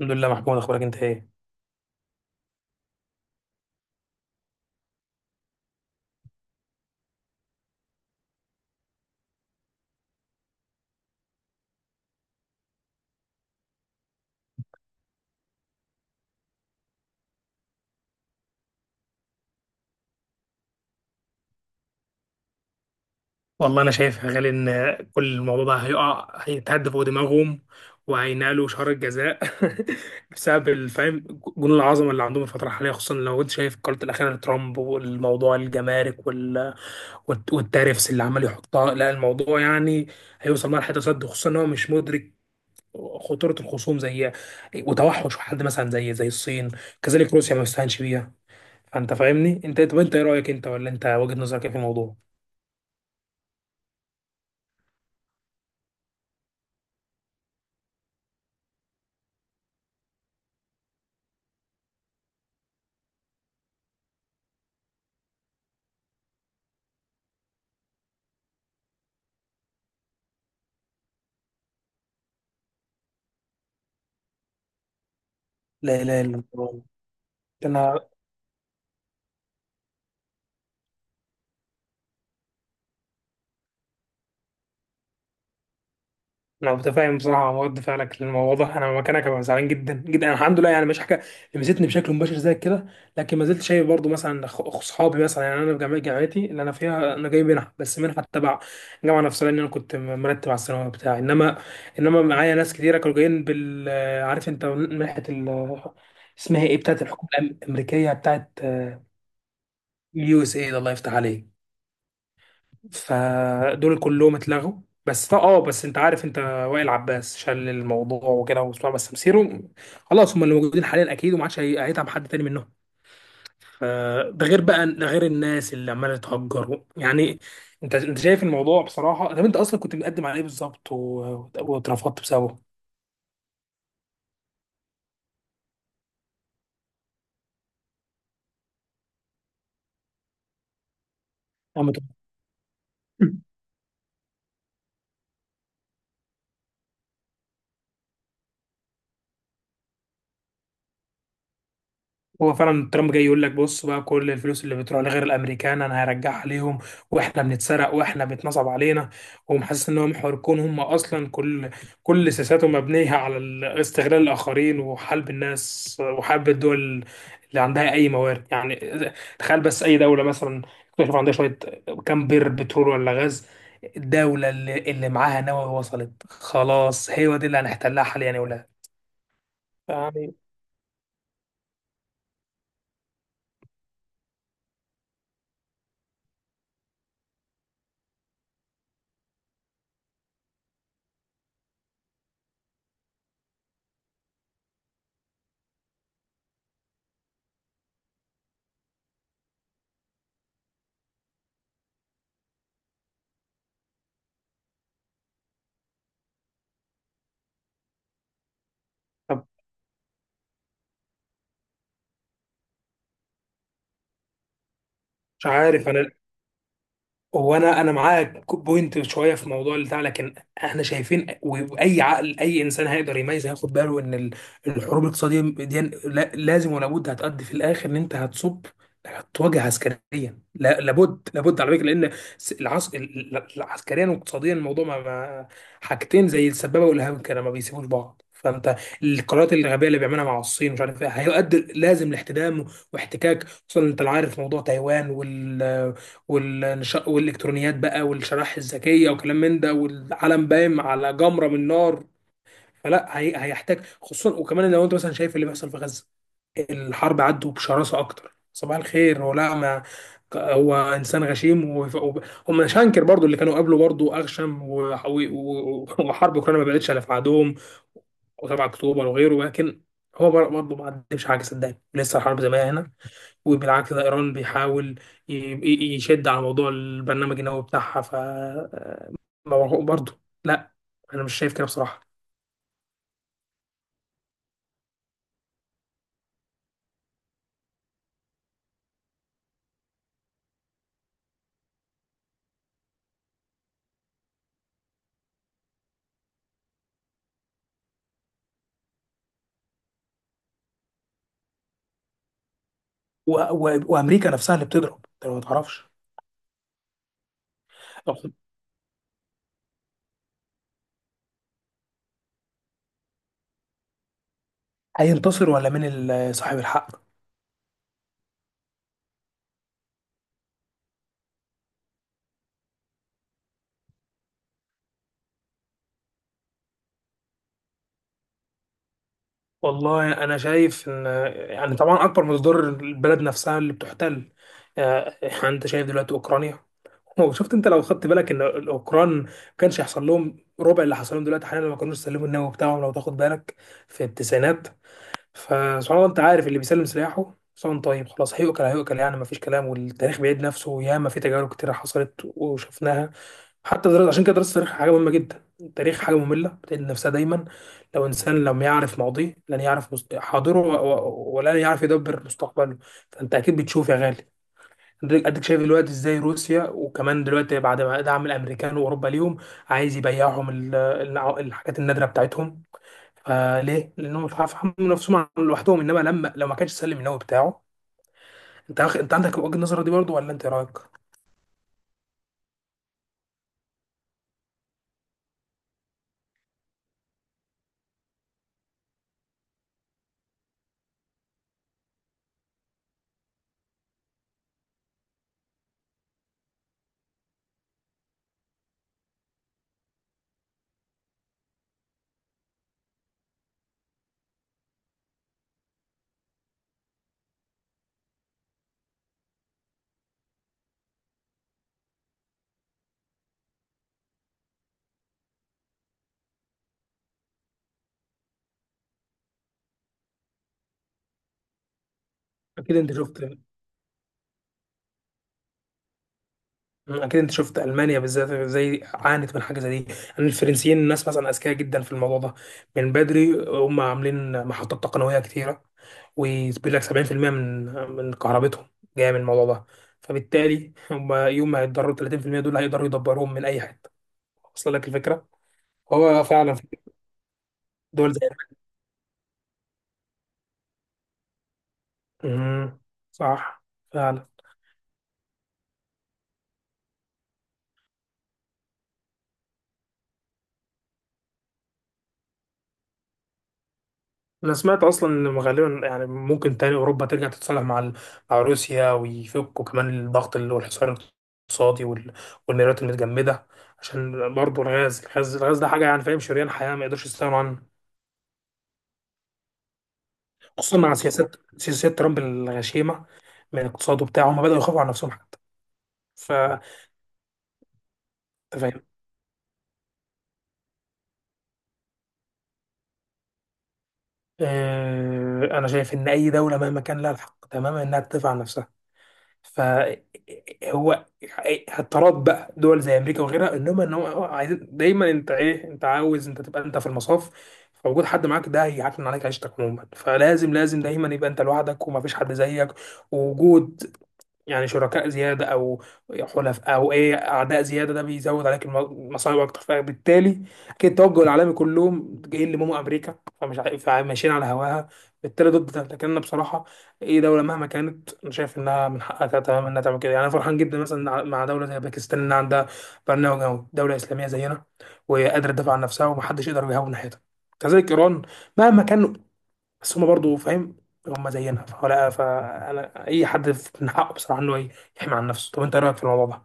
الحمد لله محمود، اخبارك انت ايه؟ والله انا شايف يا غالي ان كل الموضوع ده هيقع، هيتهد فوق دماغهم وهينالوا شهر الجزاء. بسبب الفهم، جنون العظمه اللي عندهم الفتره الحاليه، خصوصا لو انت شايف قرارات الاخيره لترامب والموضوع الجمارك والتارفس اللي عمال يحطها. لا الموضوع يعني هيوصل مرحله تصد، خصوصا ان هو مش مدرك خطوره الخصوم زي وتوحش حد مثلا زي الصين، كذلك روسيا ما يستهانش بيها. فانت فاهمني انت؟ طب انت ايه رايك انت، ولا انت وجهه نظرك ايه في الموضوع؟ لا اله الا الله. انا انا متفاهم بصراحه مع رد فعلك للموضوع ده. انا مكانك هبقى زعلان جدا جدا. أنا الحمد لله يعني مش حاجه لمستني بشكل مباشر زي كده، لكن ما زلت شايف برضو مثلا اصحابي مثلا. يعني انا في جامعتي اللي انا فيها، انا جاي منها بس منها تبع الجامعه نفسها، لان انا كنت مرتب على الثانويه بتاعي، انما معايا ناس كتيره كانوا جايين بال، عارف انت منحه ال... اسمها ايه بتاعت الحكومه الامريكيه، بتاعت اليو اس اي، الله يفتح عليك. فدول كلهم اتلغوا. بس طا- اه بس انت عارف انت، وائل عباس شال الموضوع وكده وبتاع، بس مسيره خلاص هم اللي موجودين حاليا، اكيد وما عادش هيتعب حد تاني منهم. فده غير بقى، ده غير الناس اللي عماله تهجر يعني. انت شايف الموضوع بصراحه. طب انت اصلا كنت مقدم على ايه بالظبط واترفضت بسببه؟ أنا متوقع. هو فعلا ترامب جاي يقول لك بص بقى، كل الفلوس اللي بتروح لغير الامريكان انا هرجعها ليهم، واحنا بنتسرق واحنا بيتنصب علينا. ومحسس ان هم محوركون، هم اصلا كل سياساتهم مبنيه على استغلال الاخرين وحلب الناس وحلب الدول اللي عندها اي موارد. يعني تخيل بس اي دوله مثلا اكتشف عندها شويه كام بير بترول ولا غاز، الدوله اللي معاها نووي وصلت خلاص، هي دي اللي هنحتلها حاليا يا ولاد. يعني طب مش عارف انا، هو انا معاك بوينت شويه في موضوع بتاع، لكن احنا شايفين واي عقل اي انسان هيقدر يميز، هياخد باله ان الحروب الاقتصاديه دي لازم ولا بد هتؤدي في الاخر ان انت هتواجه عسكريا. لا لابد لابد على فكره، لان عسكريا واقتصاديا الموضوع ما، حاجتين زي السبابه والإرهاب كده ما بيسيبوش بعض. فانت القرارات الغبيه اللي بيعملها مع الصين، مش عارف ايه، هيؤدي لازم لاحتدام واحتكاك، خصوصا انت عارف موضوع تايوان والالكترونيات بقى والشرائح الذكيه وكلام من ده، والعالم بايم على جمره من نار. هيحتاج خصوصا. وكمان لو انت مثلا شايف اللي بيحصل في غزه، الحرب عدوا بشراسه اكتر. صباح الخير. هو لا ما ك- هو انسان غشيم هم شانكر برضو اللي كانوا قبله برضو اغشم، وحرب اوكرانيا ما بعدتش على بعدهم، و7 اكتوبر وغيره. لكن هو برضه ما عندهمش حاجه، صدقني لسه الحرب زي ما هي هنا، وبالعكس ده ايران بيحاول يشد على موضوع البرنامج النووي بتاعها. ف برضه لا، انا مش شايف كده بصراحه. وامريكا نفسها اللي بتضرب، انت ما تعرفش؟ طب هينتصر ولا مين صاحب الحق؟ والله انا شايف ان، يعني طبعا اكبر مصدر البلد نفسها اللي بتحتل. يعني انت شايف دلوقتي اوكرانيا، وشفت انت لو خدت بالك ان الاوكران ما كانش هيحصل لهم ربع اللي حصل لهم دلوقتي حاليا لو ما كانوش سلموا النووي بتاعهم، لو تاخد بالك في التسعينات. فسبحان الله، انت عارف اللي بيسلم سلاحه سواء طيب خلاص هيؤكل هيؤكل، يعني مفيش كلام. والتاريخ بيعيد نفسه، ياما في تجارب كتير حصلت وشفناها. حتى دراسة، عشان كده دراسة التاريخ حاجة مهمة جدا. التاريخ حاجة مملة بتعيد نفسها دايما. لو إنسان لم يعرف ماضيه لن يعرف حاضره ولن يعرف يدبر مستقبله. فأنت أكيد بتشوف يا غالي. أديك شايف دلوقتي إزاي روسيا، وكمان دلوقتي بعد ما دعم الأمريكان وأوروبا ليهم، عايز يبيعهم الحاجات النادرة بتاعتهم. فليه؟ لانهم مش عارف يحملوا نفسهم لوحدهم، انما لما لو ما كانش سلم النووي بتاعه. انت عندك وجهة النظر دي برضه، ولا انت إيه رايك؟ اكيد انت شفت. اكيد انت شفت المانيا بالذات زي عانت من حاجه زي دي. يعني الفرنسيين الناس مثلا اذكياء جدا في الموضوع ده، من بدري هم عاملين محطات تقنويه كتيره، وبيقول لك 70% من كهربتهم جايه من الموضوع ده. فبالتالي هم يوم ما هيتضرروا 30% دول هيقدروا يدبروهم من اي حته. وصل لك الفكره؟ هو فعلا في دول، امم، صح فعلا. انا سمعت اصلا ان غالبا يعني ممكن تاني اوروبا ترجع تتصالح مع مع روسيا، ويفكوا كمان الضغط اللي هو الحصار الاقتصادي والميرات المتجمده، عشان برضه الغاز ده حاجه، يعني فاهم، شريان حياه ما يقدرش يستغنوا عنه، خصوصا مع سياسات ترامب الغشيمه من الاقتصاد وبتاع. هم بداوا يخافوا على نفسهم حتى. ف أنت فاهم. انا شايف ان اي دوله مهما كان لها الحق تماما انها تدافع عن نفسها. فهو اضطراب بقى دول زي امريكا وغيرها، انهم ان هو عايزين دايما، انت ايه، انت عاوز انت تبقى انت في المصاف، فوجود حد معاك ده هيعتمد عليك عيشتك عموما، فلازم لازم دايما يبقى انت لوحدك ومفيش حد زيك. ووجود يعني شركاء زيادة أو حلفاء أو إيه أعداء زيادة، ده بيزود عليك المصايب أكتر. فبالتالي أكيد التوجه العالمي كلهم جايين لماما أمريكا، فمش فماشيين على هواها، بالتالي ضد ده. لكن أنا بصراحة أي دولة مهما كانت أنا شايف إنها من حقها تماما إنها تعمل كده. يعني أنا فرحان جدا مثلا مع دولة زي باكستان إنها عندها برنامج، أو دولة إسلامية زينا وقادرة تدافع عن نفسها ومحدش يقدر يهاون ناحيتها. كذلك إيران مهما كان، بس هما برضو فاهم هما زينا. فلا، فانا اي حد من حقه بصراحه انه يحمي عن نفسه. طب انت إيه رايك في الموضوع ده؟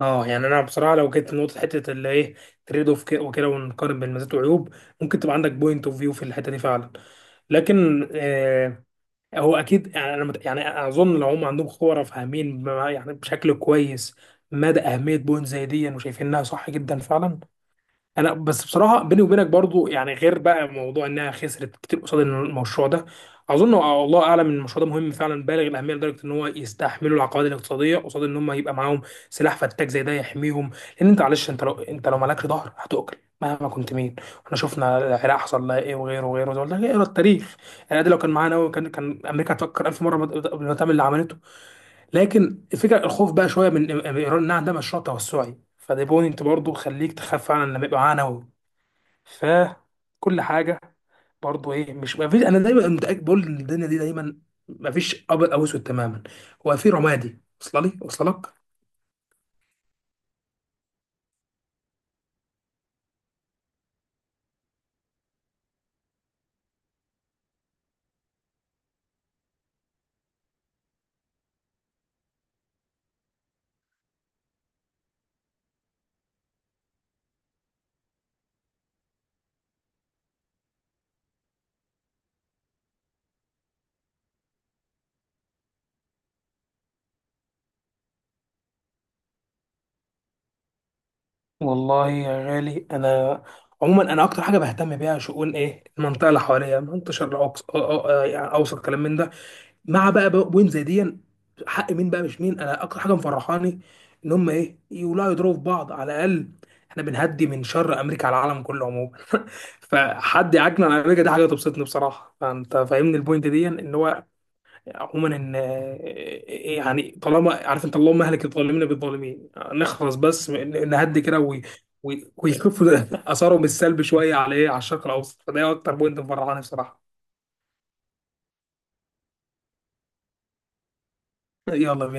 اه يعني انا بصراحه لو جيت لنقطه حته اللي ايه تريد اوف وكده ونقارن بين مزايا وعيوب، ممكن تبقى عندك بوينت اوف فيو في الحته دي فعلا. لكن آه هو اكيد، يعني يعني اظن لو هم عندهم خبره فاهمين يعني بشكل كويس مدى اهميه بوينت زي دي، وشايفينها صح جدا فعلا. انا بس بصراحه بيني وبينك برضو، يعني غير بقى موضوع انها خسرت كتير قصاد المشروع ده، اظن الله اعلم ان المشروع ده مهم فعلا بالغ الاهميه لدرجه ان هو يستحملوا العقبات الاقتصاديه قصاد ان هم يبقى معاهم سلاح فتاك زي ده يحميهم. لان انت معلش انت لو مالكش ظهر هتؤكل، مهما كنت مين. احنا شفنا العراق حصل لها ايه وغيره وغيره، زي ما قلت لك اقرا التاريخ. يعني ده لو كان معانا أوي، كان امريكا هتفكر الف مره قبل ما تعمل اللي عملته. لكن الفكره الخوف بقى شويه من ايران انها عندها مشروع توسعي، فده بوينت برضه خليك تخاف فعلا لما يبقى معانا فكل حاجه. برضه ايه، مش ما فيش، انا دايما متاكد بقول ان الدنيا دي دايما ما فيش ابيض او اسود تماما، هو في رمادي. وصل لي؟ وصل لك؟ والله يا غالي انا عموما انا اكتر حاجه بهتم بيها شؤون ايه المنطقه اللي حواليا، منطقه الشرق الاوسط يعني اوسط كلام من ده. مع بقى بوين زي دي حق مين بقى، مش مين انا اكتر حاجه مفرحاني ان هم ايه يولعوا يضربوا في بعض، على الاقل احنا بنهدي من شر امريكا على العالم كله عموما. فحد يعاكنا على امريكا دي حاجه تبسطني بصراحه. فانت فاهمني البوينت دي، ان هو عموما ان إيه، إيه، يعني طالما عارف انت اللهم اهلك الظالمين بالظالمين، نخلص بس نهدي كده ويخفوا اثارهم السلبي شويه على ايه، على الشرق الاوسط. فده اكتر بوينت مفرحاني بصراحه. يلا بينا.